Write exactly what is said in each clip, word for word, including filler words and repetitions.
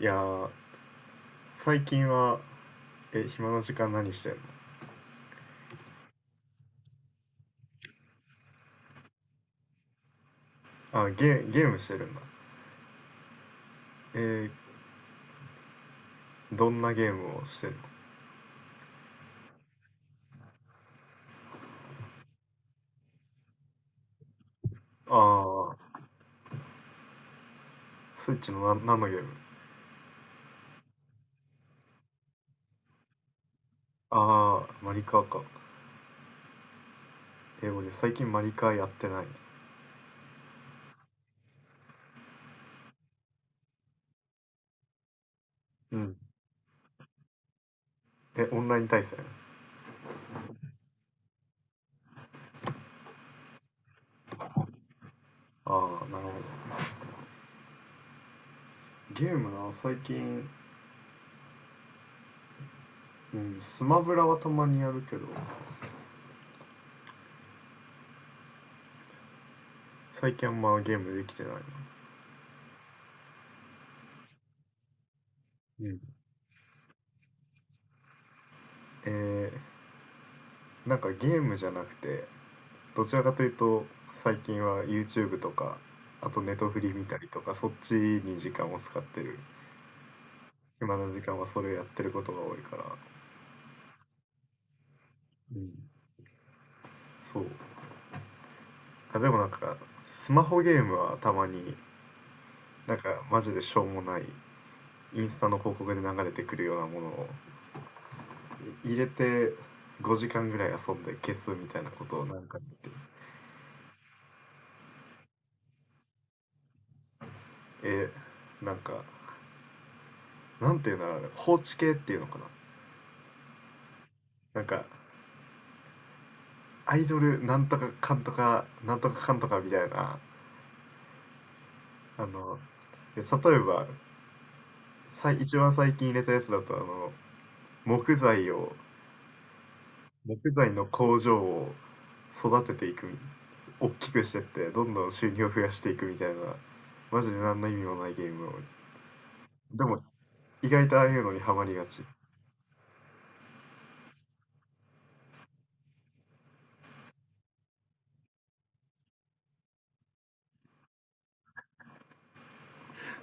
いやー、最近は、え、暇な時間何してるの？あ、ゲー、ゲームしてるんだ。えー、どんなゲームをしてるの？ああー、スイッチのな、何のゲーム？ああー、マリカーか。えー、俺最近マリカーやってない。うん。え、オンライン対戦？ああー、なるほど。ゲームな、最近、うん、スマブラはたまにやるけど、最近あんまゲームできてないな。うん。えー、なんかゲームじゃなくて、どちらかというと最近は YouTube とかあとネトフリ見たりとかそっちに時間を使ってる。暇な時間はそれやってることが多いから。うん、そう。あ、でもなんかスマホゲームはたまに、なんかマジでしょうもないインスタの広告で流れてくるようなものをい入れてごじかんぐらい遊んで消すみたいなことをなんか見て。えなんか、なんていうんだろう、あれ放置系っていうのかな。なんかアイドルなんとかかんとかなんとかかんとかみたいな、あの、例えばさい一番最近入れたやつだとあの、木材を、木材の工場を育てていく、大きくしてってどんどん収入を増やしていくみたいな、マジで何の意味もないゲームを、でも意外とああいうのにハマりがち。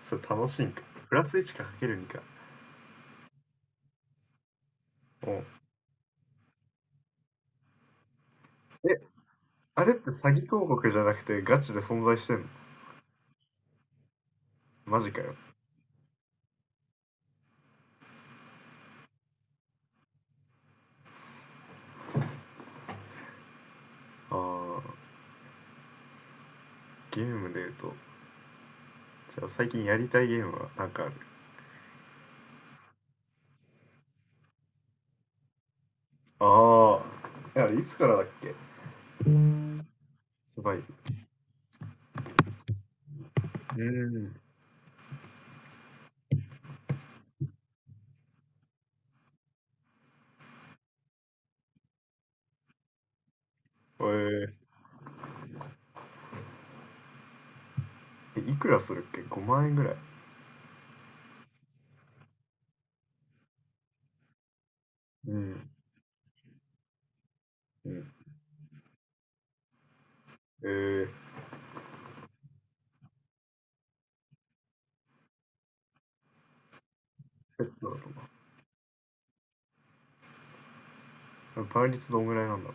それ楽しいんか？プラスいちかかけるにか？おう。えあれって詐欺広告じゃなくてガチで存在してんの？マジかよ。ああー、ゲームで言うと、じゃあ最近やりたいゲームはなんかある？ああ。あれいつからだっけ？サバイブ。うん。えーえいくらするっけ？ ご 万円ぐらい。うん。うん、えー、セットだとな。倍率どんぐらいなんだろ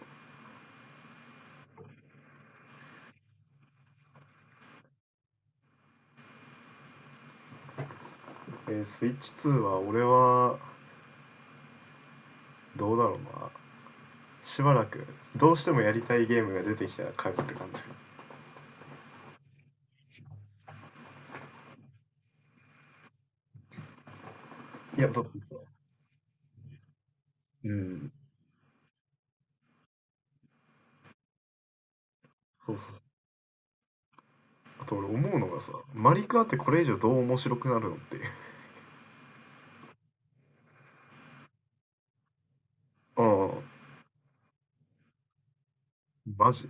う。えー、スイッチツーは俺はどうだろうな。しばらくどうしてもやりたいゲームが出てきたら買うって感じ。いや、だってさ。うん。そうそう。あと俺思うのがさ、マリカーってこれ以上どう面白くなるのっていう。うん。マジ？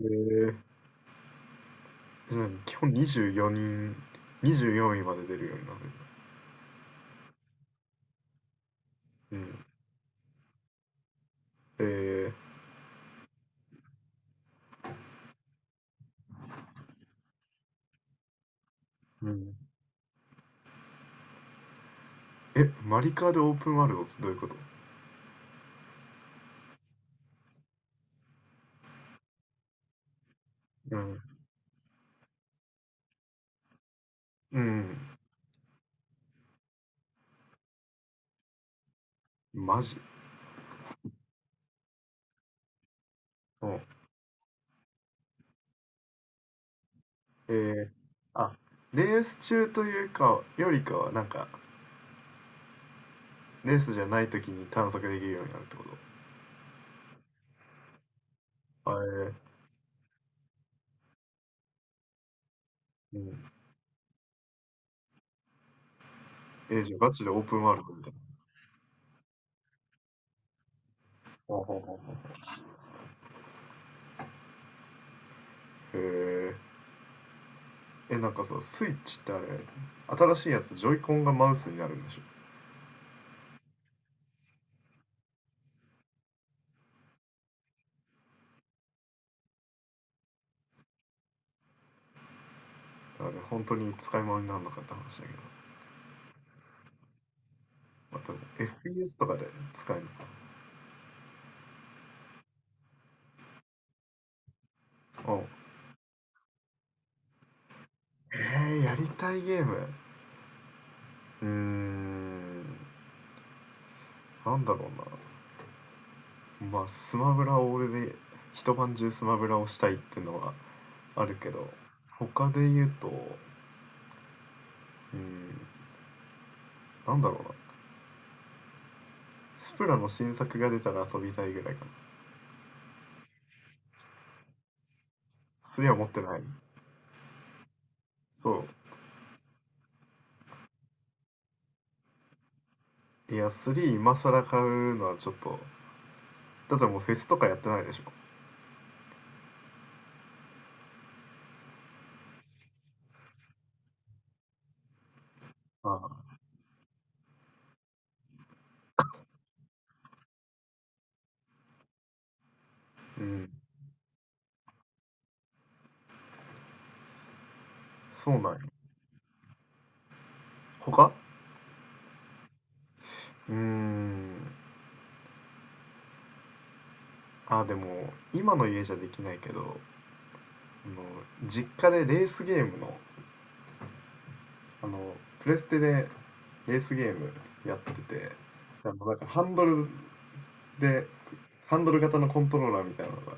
へえ。うん、基本にじゅうよにん、にじゅうよんいまで出るようになる、うん、えー、うん、えマリカーでオープンワールドってどういうこと？うん、うん、マジ？うん。えー、あ、レース中というかよりかはなんか、レースじゃない時に探索できるようになるってこと？あ、えー、うん、えー、じゃあガチでオープンワールドみたいな、ほうほうほうほう、へえー、えなんかさ、スイッチってあれ、新しいやつジョイコンがマウスになるんでしょ？あれ本当に使い物にならなかった話だけど、また エフピーエス とかで使えるのかな。お。えー、やりたいゲーム。うーん、なんだろうな。まあ、スマブラを俺で一晩中スマブラをしたいっていうのはあるけど、他で言うと、うーん、なんだろうな。スプラの新作が出たら遊びたいぐらいかな。スリーは持ってない。そう。いや、スリー今更買うのはちょっと、だってもうフェスとかやってないでしょ。ああ、うん、そうなんよ。他、うーん。あ、でも、今の家じゃできないけど、あの、実家でレースゲームの、あの、プレステでレースゲームやってて、あの、なんかハンドルで、ハンドル型のコントローラーみたいなのが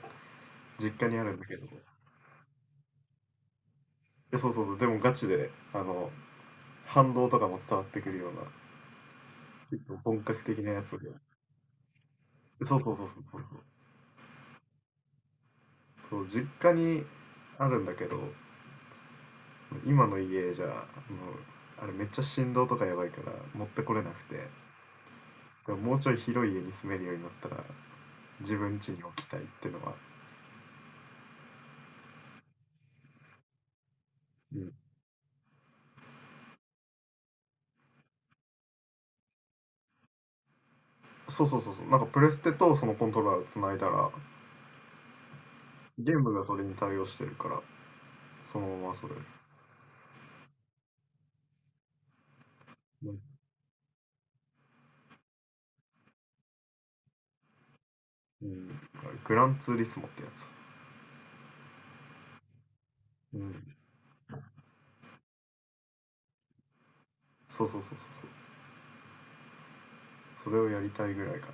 実家にあるんだけど、え、そうそうそう、でもガチで、あの、反動とかも伝わってくるような、結構本格的なやつで、えそうそうそうそうそう、そう、実家にあるんだけど、今の家じゃ、あの、あれめっちゃ振動とかやばいから持ってこれなくて、もうちょい広い家に住めるようになったら自分家に置きたいっていうのは、うん、そうそうそうそう、なんかプレステとそのコントローラーをつないだらゲームがそれに対応してるからそのままそれ、うんうん、グランツーリスモってやつ、うん、そうそうそうそうそう、それをやりたいぐらいか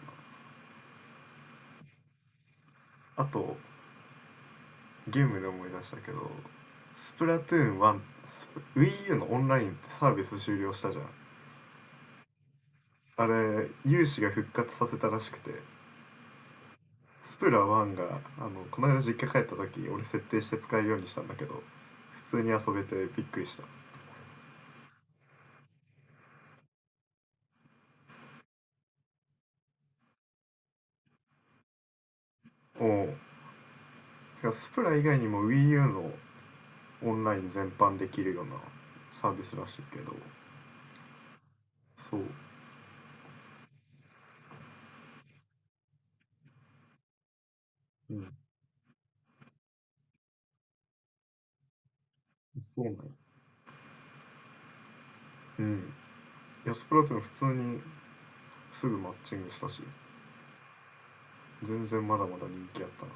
な。あとゲームで思い出したけど、スプラトゥーンワンン、WiiU のオンラインってサービス終了したじゃん。あれ有志が復活させたらしくて、スプラワンがあのこの間実家帰った時俺設定して使えるようにしたんだけど普通に遊べてびっくりした。お、おスプラ以外にも WiiU のオンライン全般できるようなサービスらしいけど、そう、うん、そうなんや、うん、いやスプラトゥーン普通にすぐマッチングしたし全然まだまだ人気あったな。